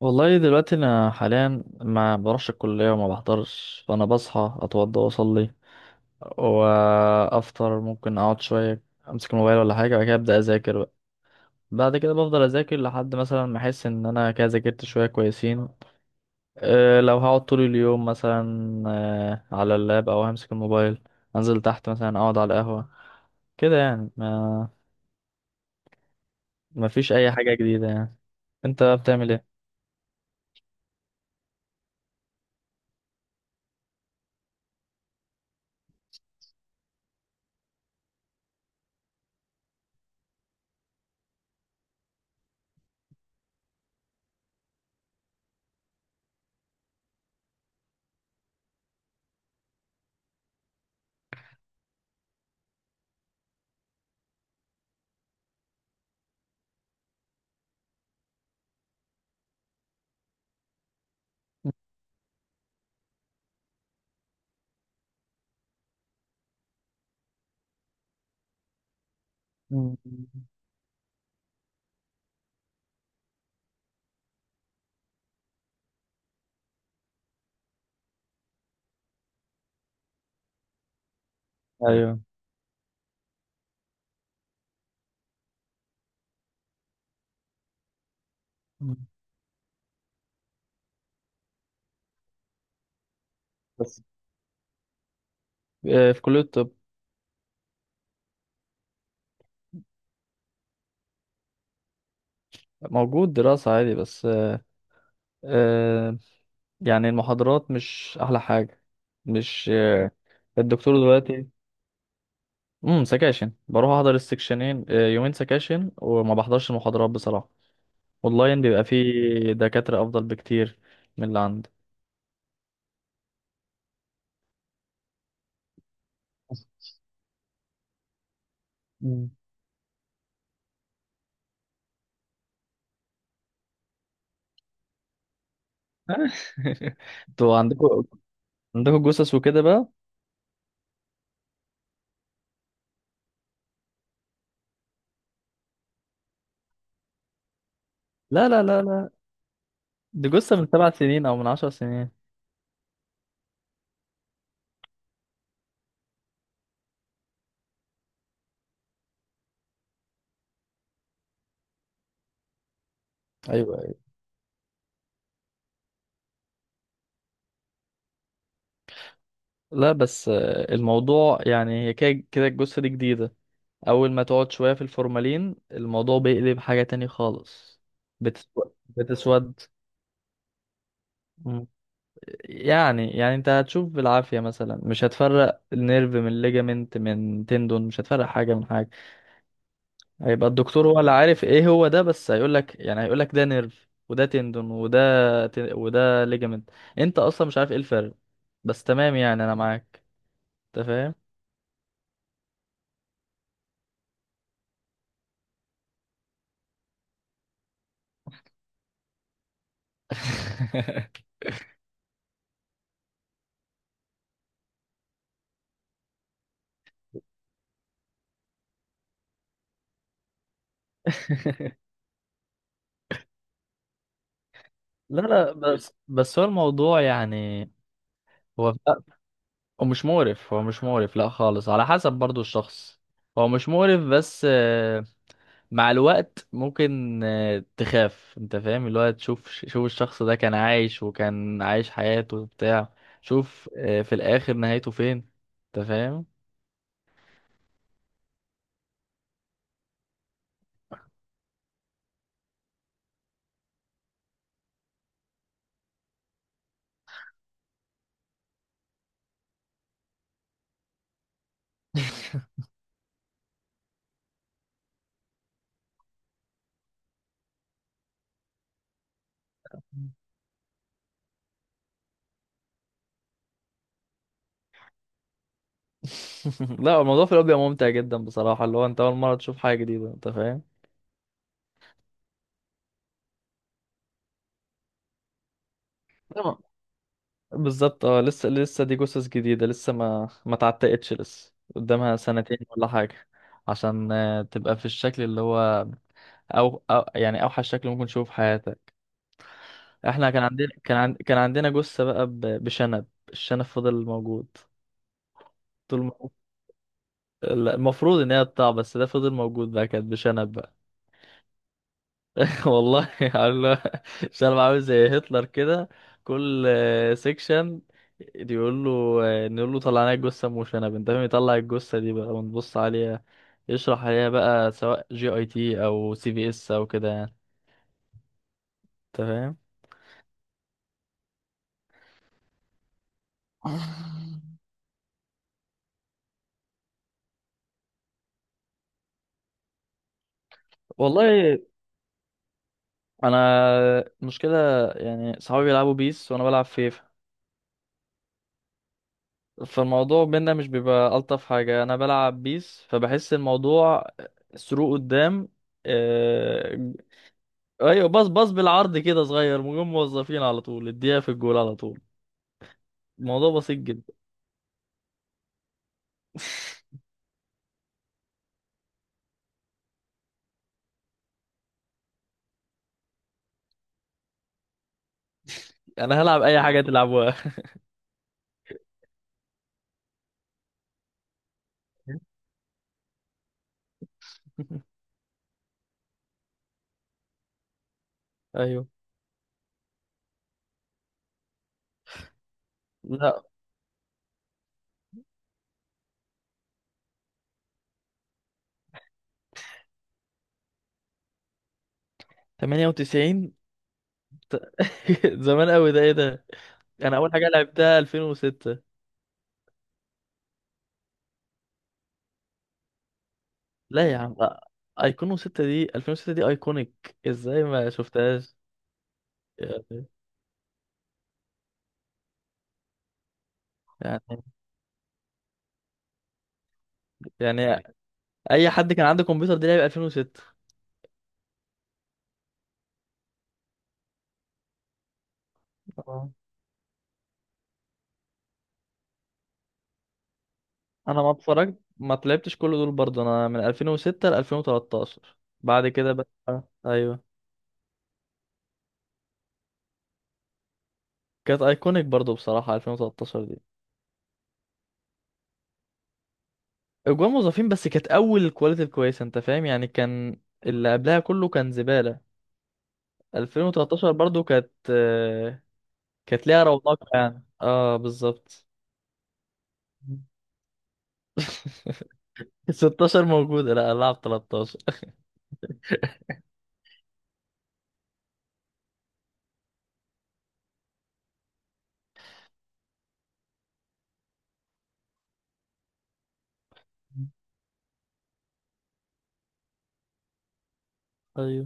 والله دلوقتي انا حاليا ما بروحش الكليه وما بحضرش، فانا بصحى اتوضى واصلي وافطر. ممكن اقعد شويه امسك الموبايل ولا حاجه، بعد كده ابدا اذاكر بقى. بعد كده بفضل اذاكر لحد مثلا ما احس ان انا كده ذاكرت شويه كويسين. لو هقعد طول اليوم مثلا على اللاب او همسك الموبايل، انزل تحت مثلا اقعد على القهوه كده يعني ما فيش اي حاجه جديده يعني. انت بتعمل ايه؟ مم. ايوه. مم. بس في كليه الطب موجود دراسة عادي، بس آه، يعني المحاضرات مش أحلى حاجة، مش الدكتور دلوقتي. سكاشن، بروح أحضر السكشنين، يومين سكاشن وما بحضرش المحاضرات بصراحة. أونلاين بيبقى فيه دكاترة أفضل بكتير من اللي عندي. مم. انتوا عندكوا عندكوا جثث وكده بقى؟ لا لا لا لا، دي جثة من 7 سنين أو من 10 سنين. ايوه ايوه. لا بس الموضوع يعني هي كده كده الجثة دي جديدة. اول ما تقعد شوية في الفورمالين الموضوع بيقلب حاجة تاني خالص. بتسود بتسود. مم. يعني انت هتشوف بالعافية مثلا، مش هتفرق النيرف من ليجامنت من تندون، مش هتفرق حاجة من حاجة. هيبقى الدكتور هو اللي عارف ايه هو ده، بس هيقولك، يعني هيقولك ده نيرف وده تندون وده وده ليجامنت. انت اصلا مش عارف ايه الفرق. بس تمام يعني انا معاك. انت فاهم. لا لا، بس هو الموضوع يعني، هو هو مش مقرف، هو مش مقرف، لا خالص، على حسب برضو الشخص. هو مش مقرف بس مع الوقت ممكن تخاف. انت فاهم اللي هو تشوف، شوف الشخص ده كان عايش وكان عايش حياته وبتاع، شوف في الاخر نهايته فين. انت فاهم. لا الموضوع في الاول بيبقى ممتع جدا بصراحة، اللي هو انت اول مرة تشوف حاجة جديدة. انت فاهم. بالظبط اه، لسه لسه دي جثث جديدة لسه، ما اتعتقتش لسه، قدامها سنتين ولا حاجة. عشان تبقى في الشكل اللي هو، أو يعني أوحش شكل ممكن تشوفه في حياتك. احنا كان عندنا، كان عندنا جثة بقى بشنب. الشنب فضل موجود طول ما لا، المفروض ان هي تطلع، بس ده فضل موجود بقى، كانت بشنب بقى. والله عامله، شال عامل زي هتلر كده. كل سيكشن يقول له، نقول له طلع لنا الجثه مشنب. انت فاهم؟ يطلع الجثه دي بقى ونبص عليها، يشرح عليها بقى سواء GIT او CVS او كده يعني. انت فاهم. والله انا المشكله يعني، صحابي بيلعبوا بيس وانا بلعب فيفا. فالموضوع بينا مش بيبقى الطف حاجه. انا بلعب بيس، فبحس الموضوع سروق قدام. آه، ايوه، باص باص بالعرض كده صغير، مجموعة موظفين على طول، اديها في الجول على طول. الموضوع بسيط جدا. انا هلعب اي حاجه تلعبوها. ايوه. لا 98. زمان قوي ده، ايه ده؟ انا اول حاجه لعبتها 2006. لا يا عم لا. ايقونو 6 دي، 2006 دي ايكونيك ازاي ما شفتهاش؟ يعني يعني يعني اي حد كان عنده كمبيوتر دي لعب 2006. انا ما اتفرجت، ما طلعتش كل دول برضه، انا من 2006 ل 2013. بعد كده بقى. ايوه. كانت ايكونيك برضه بصراحه 2013 دي. اجوان موظفين، بس كانت اول كواليتي الكويسه، انت فاهم يعني؟ كان اللي قبلها كله كان زباله. 2013 برضه كانت كانت ليها رونقها يعني. اه بالظبط. 16 موجوده، لا العب 13. ايوه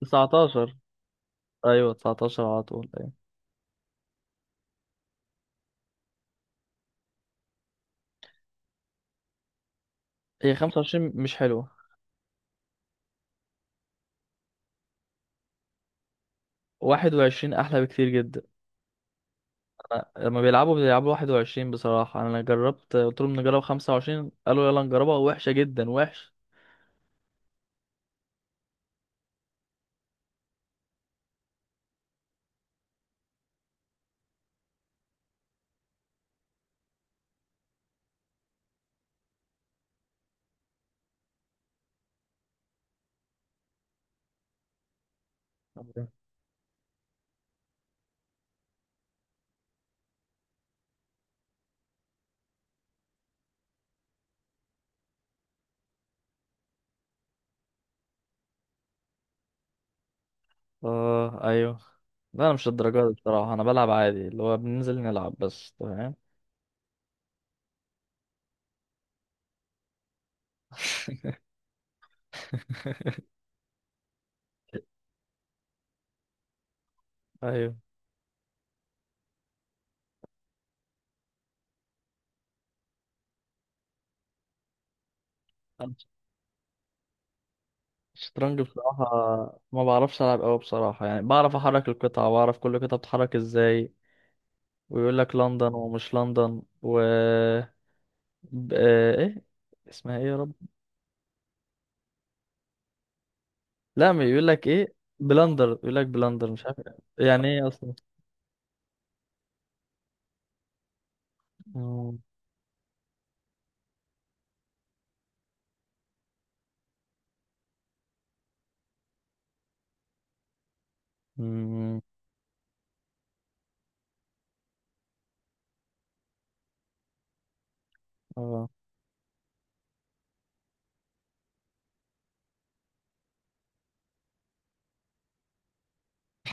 19. ايوه 19 على طول. ايوه هي 25 مش حلوه. 21 احلى بكتير جدا. لما بيلعبوا 21 بصراحة. أنا جربت قلت لهم نجرب 25، قالوا يلا نجربها، وحشة جدا، وحش. آه أيوه. لا أنا مش الدرجات دي بصراحة، أنا بلعب عادي اللي هو بننزل نلعب بس تمام. أيوه. الشطرنج بصراحة ما بعرفش ألعب أوي بصراحة، يعني بعرف أحرك القطعة وأعرف كل قطعة بتتحرك إزاي. ويقول لك لندن ومش لندن و إيه اسمها إيه يا رب؟ لا، ما يقول لك ايه، بلندر، يقول لك بلندر مش عارف. يعني ايه اصلا؟ مم. مم. اه